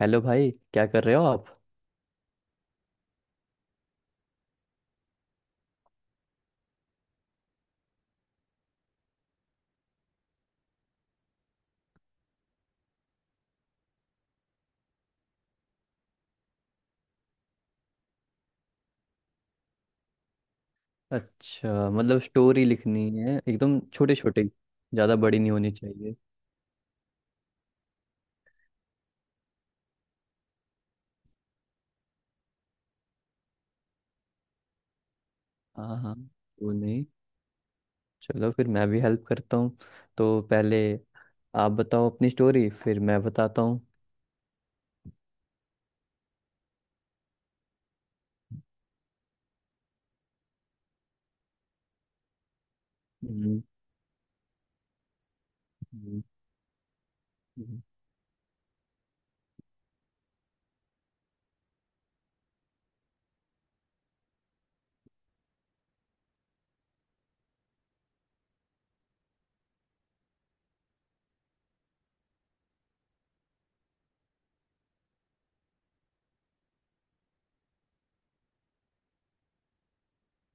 Hello भाई, क्या कर रहे हो आप। अच्छा, मतलब स्टोरी लिखनी है एकदम छोटे छोटे। ज़्यादा बड़ी नहीं होनी चाहिए। हाँ हाँ। वो नहीं। चलो फिर मैं भी हेल्प करता हूँ। तो पहले आप बताओ अपनी स्टोरी, फिर मैं बताता हूँ। हम्म, हम्म, हम्म,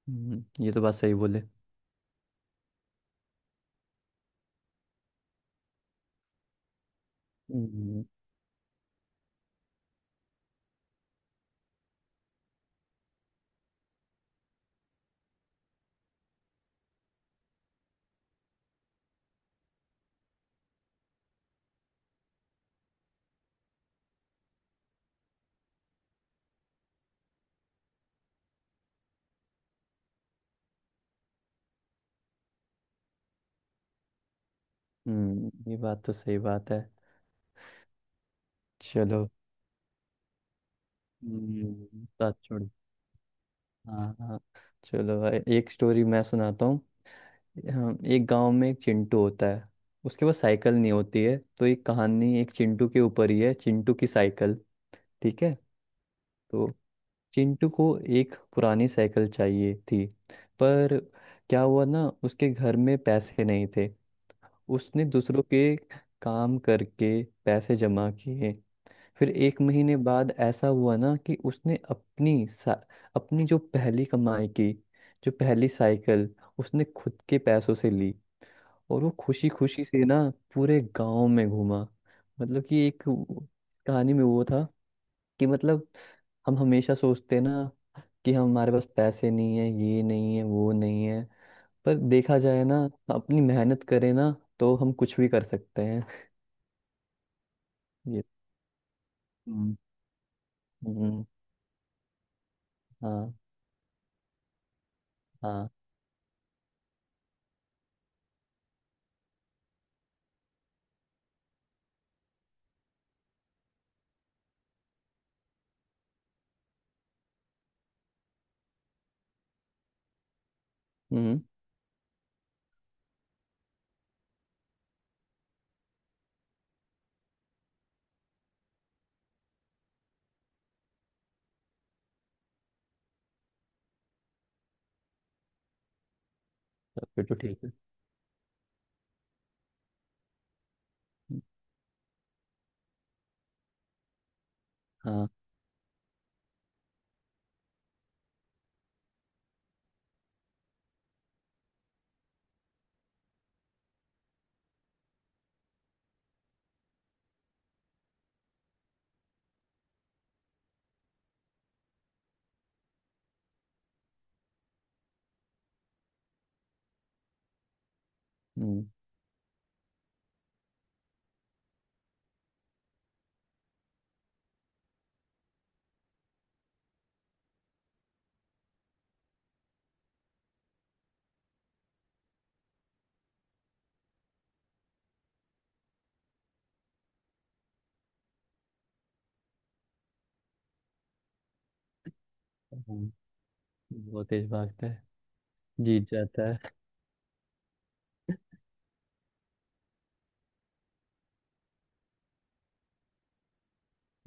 ये तो बात सही बोले। हम्म, ये बात तो सही बात है। चलो। बात छोड़। हाँ हाँ। चलो भाई, एक स्टोरी मैं सुनाता हूँ। हाँ, एक गांव में एक चिंटू होता है। उसके पास साइकिल नहीं होती है, तो एक कहानी एक चिंटू के ऊपर ही है, चिंटू की साइकिल। ठीक है। तो चिंटू को एक पुरानी साइकिल चाहिए थी। पर क्या हुआ ना, उसके घर में पैसे नहीं थे। उसने दूसरों के काम करके पैसे जमा किए। फिर एक महीने बाद ऐसा हुआ ना कि अपनी जो पहली कमाई की, जो पहली साइकिल उसने खुद के पैसों से ली। और वो खुशी खुशी से ना पूरे गांव में घूमा। मतलब कि कहानी में वो था कि, मतलब हम हमेशा सोचते हैं ना कि हमारे पास पैसे नहीं है, ये नहीं है, वो नहीं है। पर देखा जाए ना, अपनी मेहनत करें ना, तो हम कुछ भी कर सकते हैं। ये हम्म। हम्म, हाँ हाँ। हम्म, तब फिर तो ठीक है। हाँ। हम्म हम्म, बहुत तेज भागता है, जीत जाता है।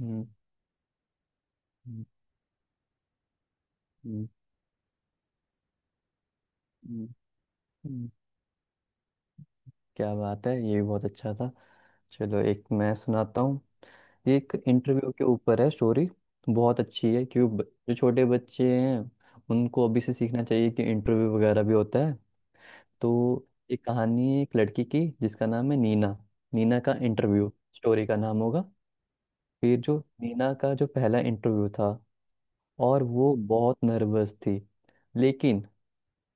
हम्म हम्म हम्म हम्म, क्या बात है, ये भी बहुत अच्छा था। चलो एक मैं सुनाता हूँ। ये एक इंटरव्यू के ऊपर है स्टोरी। बहुत अच्छी है क्यों, जो छोटे बच्चे हैं उनको अभी से सीखना चाहिए कि इंटरव्यू वगैरह भी होता है। तो ये कहानी है एक लड़की की जिसका नाम है नीना। नीना का इंटरव्यू स्टोरी का नाम होगा। फिर जो नीना का जो पहला इंटरव्यू था, और वो बहुत नर्वस थी। लेकिन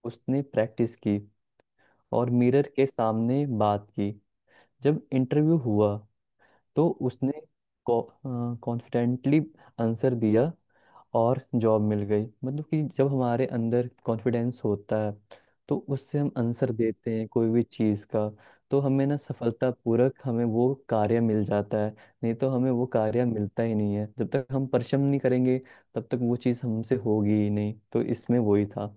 उसने प्रैक्टिस की और मिरर के सामने बात की। जब इंटरव्यू हुआ तो उसने कॉन्फिडेंटली आंसर दिया, और जॉब मिल गई। मतलब कि जब हमारे अंदर कॉन्फिडेंस होता है तो उससे हम आंसर देते हैं कोई भी चीज़ का। तो हमें ना सफलतापूर्वक हमें वो कार्य मिल जाता है। नहीं तो हमें वो कार्य मिलता ही नहीं है। जब तक हम परिश्रम नहीं करेंगे तब तक वो चीज़ हमसे होगी ही नहीं। तो इसमें वही था।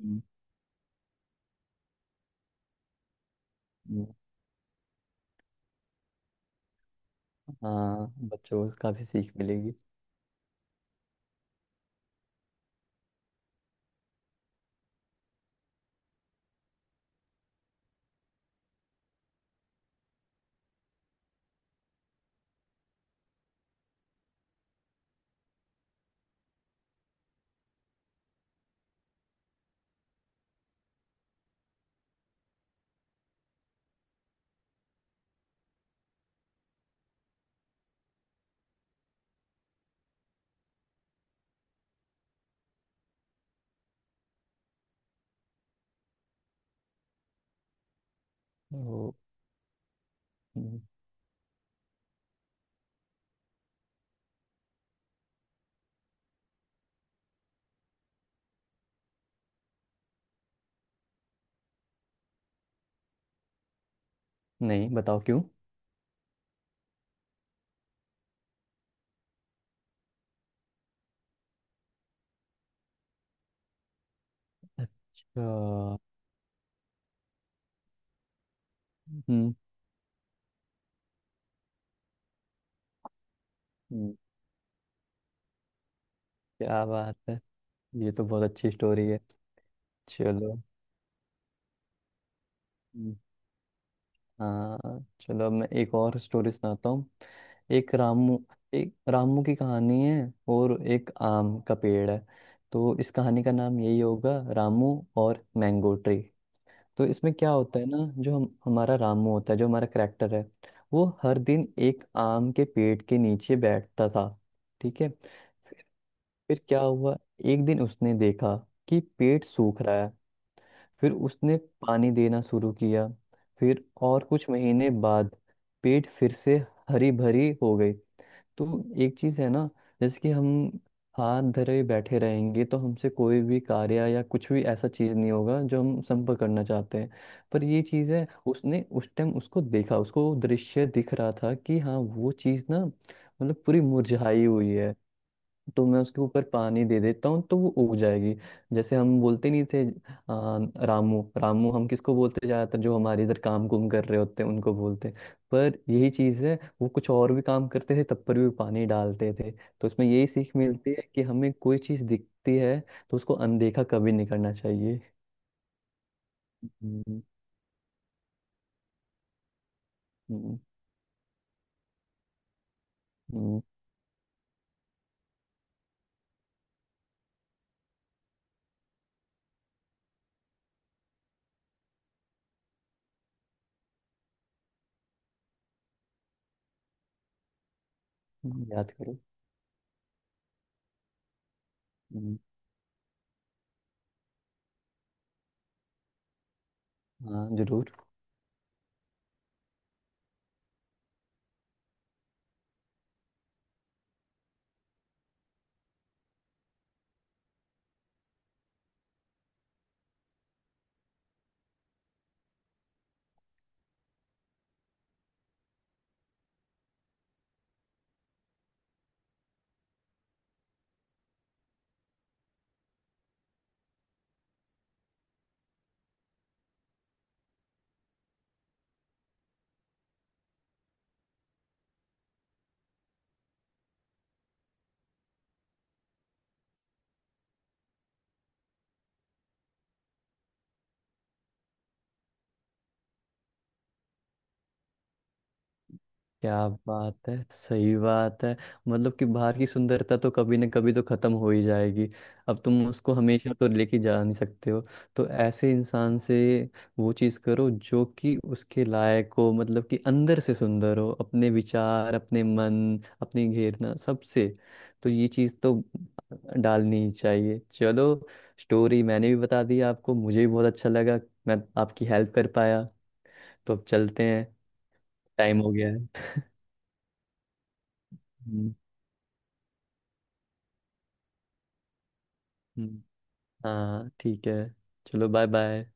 हम्म, हम्म, हाँ, बच्चों को काफ़ी सीख मिलेगी। तो हम्म, नहीं, बताओ क्यों। अच्छा। हम्म हम्म, क्या बात है, ये तो बहुत अच्छी स्टोरी है। चलो। हम्म, हाँ। चलो अब मैं एक और स्टोरी सुनाता हूँ। एक रामू, एक रामू की कहानी है और एक आम का पेड़ है। तो इस कहानी का नाम यही होगा, रामू और मैंगो ट्री। तो इसमें क्या होता है ना, जो हम, हमारा रामू होता है जो हमारा करेक्टर है, वो हर दिन एक आम के पेड़ के नीचे बैठता था। ठीक है। फिर क्या हुआ, एक दिन उसने देखा कि पेड़ सूख रहा है। फिर उसने पानी देना शुरू किया। फिर और कुछ महीने बाद पेट फिर से हरी भरी हो गई। तो एक चीज है ना, जैसे कि हम हाथ धरे बैठे रहेंगे तो हमसे कोई भी कार्य या कुछ भी ऐसा चीज नहीं होगा जो हम संपर्क करना चाहते हैं। पर ये चीज है, उसने उस टाइम उसको देखा, उसको दृश्य दिख रहा था कि हाँ, वो चीज ना मतलब पूरी मुरझाई हुई है। तो मैं उसके ऊपर पानी दे देता हूँ तो वो उग जाएगी। जैसे हम बोलते नहीं थे रामू रामू, हम किसको बोलते, ज़्यादातर जो हमारे इधर काम कुम कर रहे होते हैं उनको बोलते हैं। पर यही चीज़ है, वो कुछ और भी काम करते थे तब पर भी पानी डालते थे। तो उसमें यही सीख मिलती है कि हमें कोई चीज़ दिखती है तो उसको अनदेखा कभी नहीं करना चाहिए। हम्म, हम्म, हम्म, याद करो। हम्म, हाँ जरूर। क्या बात है, सही बात है। मतलब कि बाहर की सुंदरता तो कभी ना कभी तो खत्म हो ही जाएगी। अब तुम उसको हमेशा तो लेके जा नहीं सकते हो। तो ऐसे इंसान से वो चीज करो जो कि उसके लायक हो। मतलब कि अंदर से सुंदर हो, अपने विचार, अपने मन, अपनी घेरना सबसे। तो ये चीज तो डालनी ही चाहिए। चलो, स्टोरी मैंने भी बता दी आपको, मुझे भी बहुत अच्छा लगा, मैं आपकी हेल्प कर पाया। तो अब चलते हैं, टाइम हो गया है। हम्म, हम्म। हाँ ठीक है। चलो, बाय बाय।